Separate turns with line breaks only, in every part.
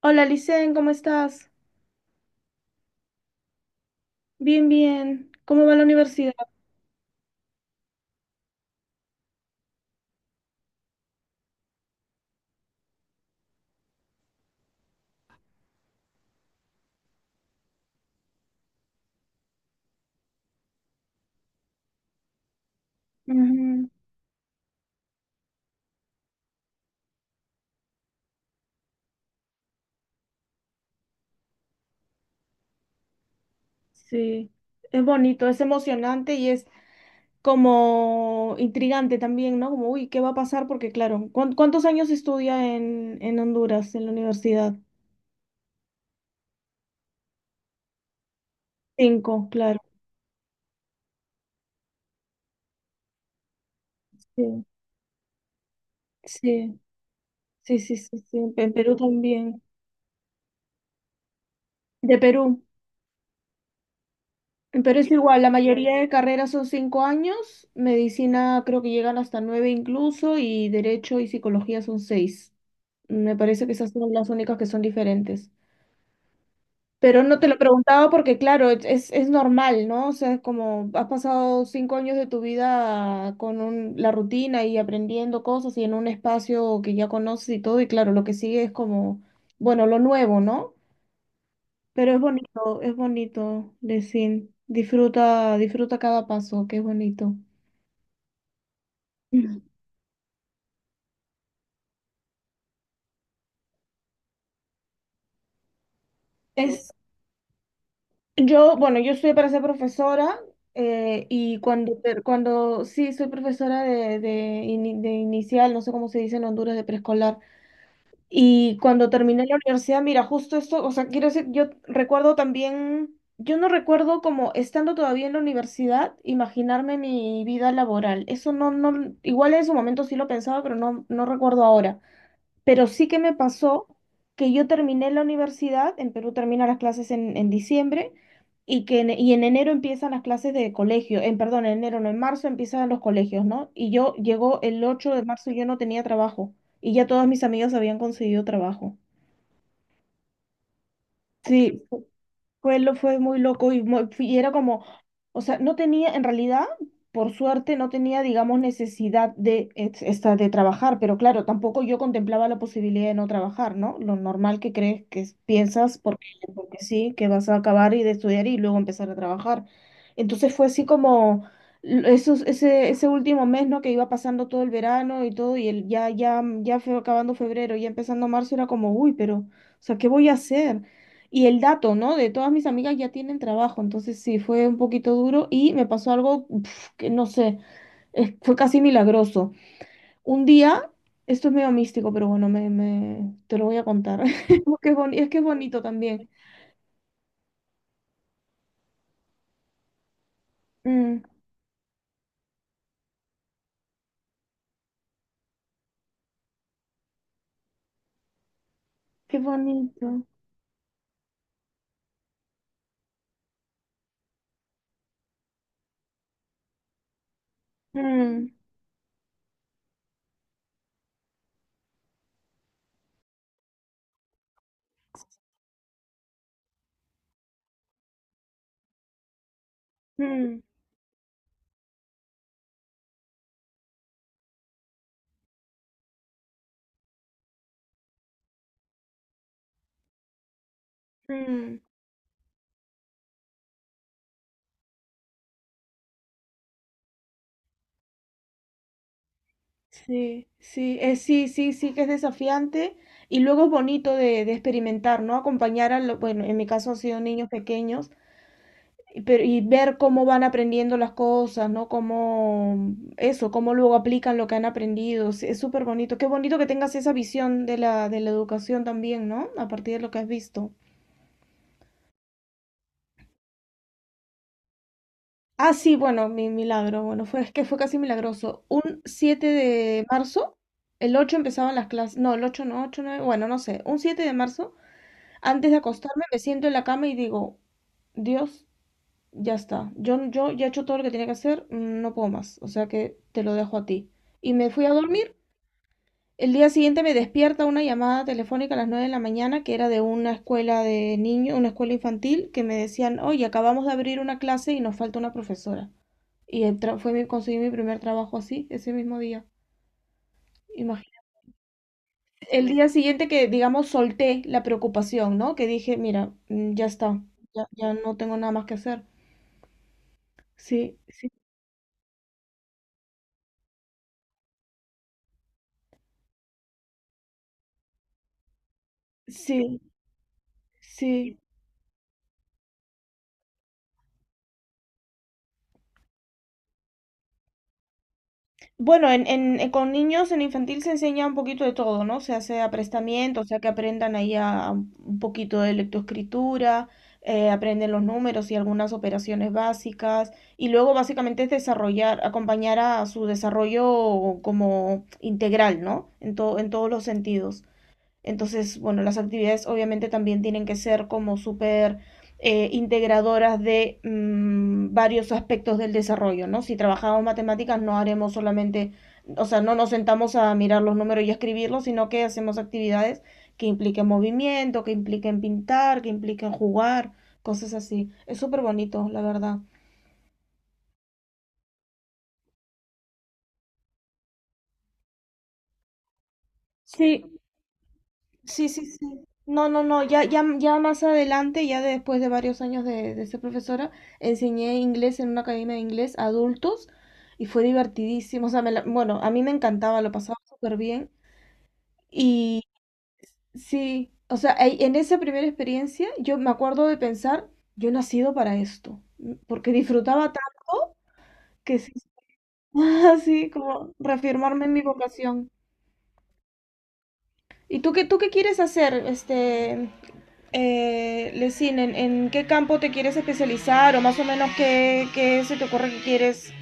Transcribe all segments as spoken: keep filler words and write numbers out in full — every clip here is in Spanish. Hola, Licen, ¿cómo estás? Bien, bien. ¿Cómo va la universidad? Ujú. Sí, es bonito, es emocionante y es como intrigante también, ¿no? Como, uy, ¿qué va a pasar? Porque, claro, ¿cuán- ¿cuántos años estudia en, en Honduras, en la universidad? Cinco, claro. Sí, sí, sí, sí, sí, sí. En Perú también. De Perú. Pero es igual, la mayoría de carreras son cinco años. Medicina creo que llegan hasta nueve incluso, y derecho y psicología son seis. Me parece que esas son las únicas que son diferentes. Pero no te lo preguntaba porque, claro, es, es es normal, ¿no? O sea, es como has pasado cinco años de tu vida con un- la rutina y aprendiendo cosas y en un espacio que ya conoces y todo, y claro, lo que sigue es como, bueno, lo nuevo, ¿no? Pero es bonito, es bonito decir, disfruta, disfruta cada paso, que es bonito. Mm. Es, yo, bueno, yo estudié para ser profesora, eh, y cuando, ter- cuando sí, soy profesora de, de, ini- de inicial, no sé cómo se dice en Honduras, de preescolar. Y cuando terminé la universidad, mira, justo esto, o sea, quiero decir, yo recuerdo también, yo no recuerdo como estando todavía en la universidad, imaginarme mi vida laboral. Eso no, no, igual en su momento sí lo pensaba, pero no, no recuerdo ahora. Pero sí que me pasó que yo terminé la universidad, en Perú terminan las clases en, en diciembre, y que en, y en enero empiezan las clases de colegio, en perdón, en enero no, en marzo empiezan los colegios, ¿no? Y yo llegó el ocho de marzo y yo no tenía trabajo y ya todas mis amigas habían conseguido trabajo. Sí, fue, lo, fue muy loco y, muy- y era como, o sea, no tenía, en realidad, por suerte, no tenía, digamos, necesidad de, ex- esta, de trabajar, pero claro, tampoco yo contemplaba la posibilidad de no trabajar, ¿no? Lo normal que crees que es- piensas, porque, porque sí, que vas a acabar y de estudiar y luego empezar a trabajar. Entonces fue así como l- esos, ese, ese último mes, ¿no? Que iba pasando todo el verano y todo, y el, ya, ya, ya fue acabando febrero, ya empezando marzo, era como, uy, pero, o sea, ¿qué voy a hacer? Y el dato, ¿no? De todas mis amigas ya tienen trabajo, entonces sí, fue un poquito duro y me pasó algo pf, que no sé, es- fue casi milagroso. Un día, esto es medio místico, pero bueno, me, me- te lo voy a contar. Qué boni- es que es bonito también. Mm, qué bonito. Mm, mm, mm. Sí, sí, eh, sí, sí, sí, que es desafiante y luego es bonito de, de experimentar, ¿no? Acompañar a, lo- bueno, en mi caso han sido niños pequeños y pero- y ver cómo van aprendiendo las cosas, ¿no? Cómo eso, cómo luego aplican lo que han aprendido. Sí, es súper bonito. Qué bonito que tengas esa visión de la, de la educación también, ¿no? A partir de lo que has visto. Ah, sí, bueno, mi milagro. Bueno, fue, es que fue casi milagroso. Un siete de marzo, el ocho empezaban las clases. No, el ocho no, ocho nueve, bueno, no sé. Un siete de marzo, antes de acostarme, me siento en la cama y digo, Dios. Ya está. Yo, yo ya he hecho todo lo que tenía que hacer, mm, no puedo más. O sea que te lo dejo a ti. Y me fui a dormir. El día siguiente me despierta una llamada telefónica a las nueve de la mañana que era de una escuela de niños, una escuela infantil, que me decían, oye, acabamos de abrir una clase y nos falta una profesora. Y el tra- fue mi, conseguí mi primer trabajo así, ese mismo día. Imagínate. El día siguiente que, digamos, solté la preocupación, ¿no? Que dije, mira, mm, ya está, ya, ya no tengo nada más que hacer. Sí, sí, sí, sí. Bueno, en, en- en- con niños en infantil se enseña un poquito de todo, ¿no? Se hace aprestamiento, o sea, que aprendan ahí a, a un poquito de lectoescritura, eh, aprenden los números y algunas operaciones básicas, y luego básicamente es desarrollar, acompañar a su desarrollo como integral, ¿no? En to- en todos los sentidos. Entonces, bueno, las actividades obviamente también tienen que ser como súper eh, integradoras de mm, varios aspectos del desarrollo, ¿no? Si trabajamos matemáticas, no haremos solamente, o sea, no nos sentamos a mirar los números y a escribirlos, sino que hacemos actividades que impliquen movimiento, que impliquen pintar, que impliquen jugar, cosas así. Es súper bonito, la verdad. Sí, sí, sí, sí. No, no, no, ya, ya, ya más adelante, ya después de varios años de, de ser profesora, enseñé inglés en una academia de inglés a adultos y fue divertidísimo. O sea, me la- bueno, a mí me encantaba, lo pasaba súper bien. Y sí, o sea, ahí- en esa primera experiencia yo me acuerdo de pensar, yo he nacido para esto, mm, porque disfrutaba tanto que sí. Así como reafirmarme en mi vocación. ¿Y tú qué, tú qué, quieres hacer, este, eh, Lesin? ¿En, en qué campo te quieres especializar o más o menos qué, qué se te ocurre que quieres,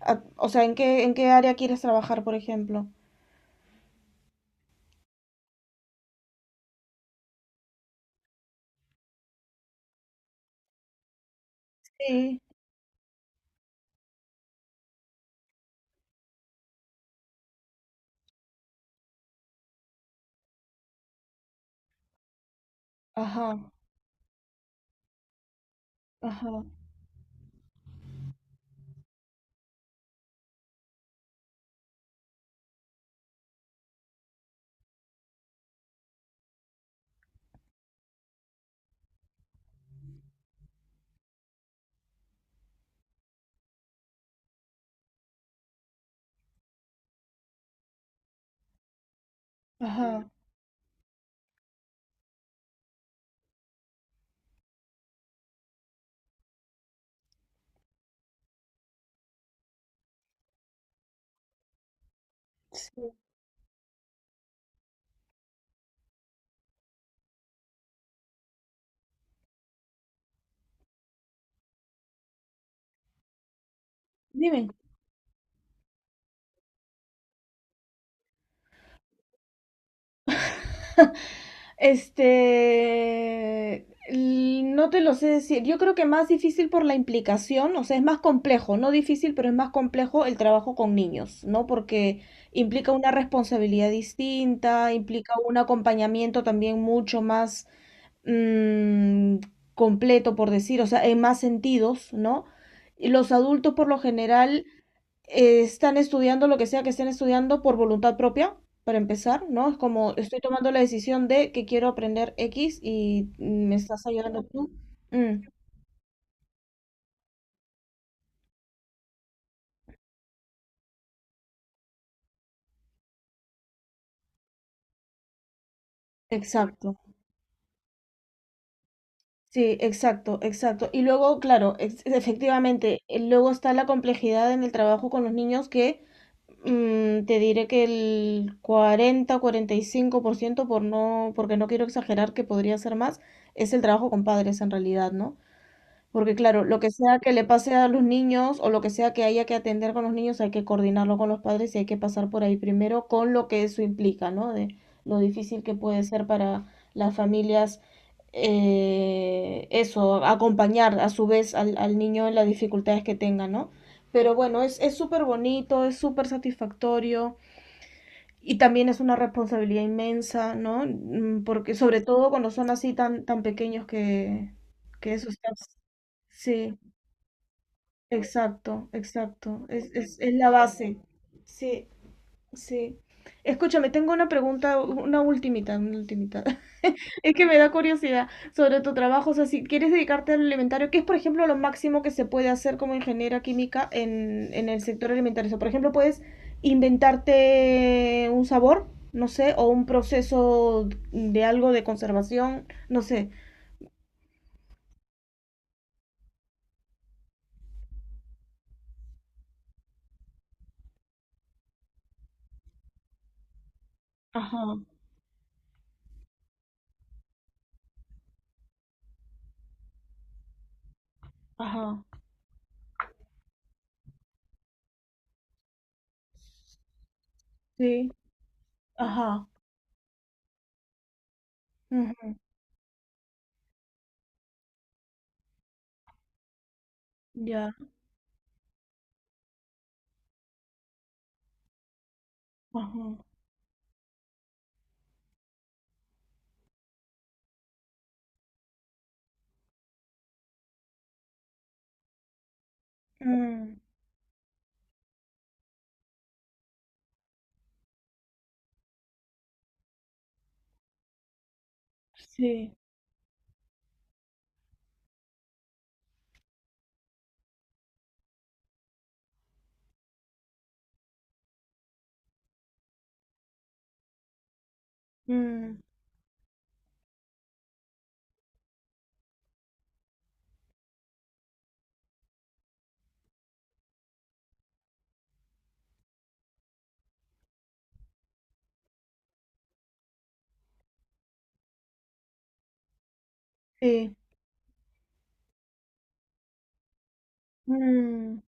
ah, o sea, en qué, en qué área quieres trabajar, por ejemplo? Sí. Ajá, ajá, ajá. Sí. Dime. Este, l- no te lo sé decir. Yo creo que más difícil por la implicación, o sea, es más complejo, no difícil, pero es más complejo el trabajo con niños, ¿no? Porque implica una responsabilidad distinta, implica un acompañamiento también mucho más mm, completo, por decir, o sea, en más sentidos, ¿no? Y Los adultos por lo general, eh, están estudiando lo que sea que estén estudiando por voluntad propia, para empezar, ¿no? Es como estoy tomando la decisión de que quiero aprender X y me estás ayudando tú. Mm, exacto. Sí, exacto, exacto. Y luego, claro, ex- efectivamente, eh, luego está la complejidad en el trabajo con los niños que mm, te diré que el cuarenta, cuarenta y cinco por ciento, por no, porque no quiero exagerar que podría ser más, es el trabajo con padres en realidad, ¿no? Porque claro, lo que sea que le pase a los niños o lo que sea que haya que atender con los niños, hay que coordinarlo con los padres y hay que pasar por ahí primero con lo que eso implica, ¿no? De lo difícil que puede ser para las familias, eh, eso, acompañar a su vez al, al niño en las dificultades que tenga, ¿no? Pero bueno, es, es súper bonito, es súper satisfactorio y también es una responsabilidad inmensa, ¿no? Mm, Porque sobre todo cuando son así tan, tan pequeños que, que eso está... Sí. Exacto, exacto. Es, es, es la base. Sí, sí. Escúchame, tengo una pregunta, una ultimita, una ultimita. Es que me da curiosidad sobre tu trabajo. O sea, si quieres dedicarte al alimentario, ¿qué es, por ejemplo, lo máximo que se puede hacer como ingeniera química en, en el sector alimentario? O sea, por ejemplo, puedes inventarte un sabor, no sé, o un proceso de algo de conservación, no sé. Ajá, ajá, sí, ajá, ujú, ya, ajá. Mm, sí, mm, sí, mm,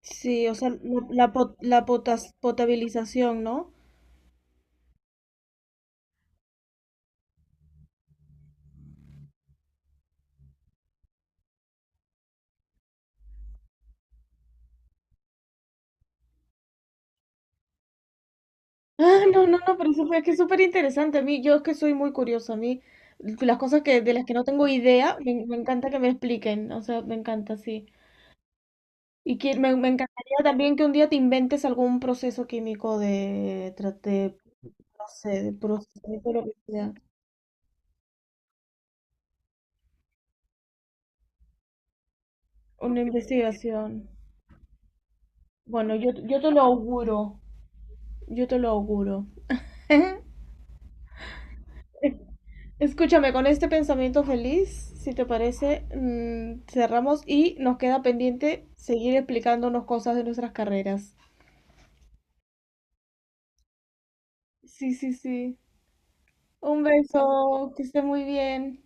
sí, o sea, la, la, pot- la potas- potabilización, ¿no? Ah, no, no, no, pero eso fue que es súper interesante. A mí, yo es que soy muy curiosa. A mí, las cosas que, de las que no tengo idea, me, me encanta que me expliquen. O sea, me encanta, sí. Y que, me, me encantaría también que un día te inventes algún proceso químico de, tra- de, no sé, de procesamiento, lo que sea. Una investigación. Bueno, yo, yo te lo auguro. Yo te lo auguro. Escúchame, con este pensamiento feliz, si te parece, mm, cerramos y nos queda pendiente seguir explicándonos cosas de nuestras carreras. Sí, sí, sí. Un beso, que esté muy bien.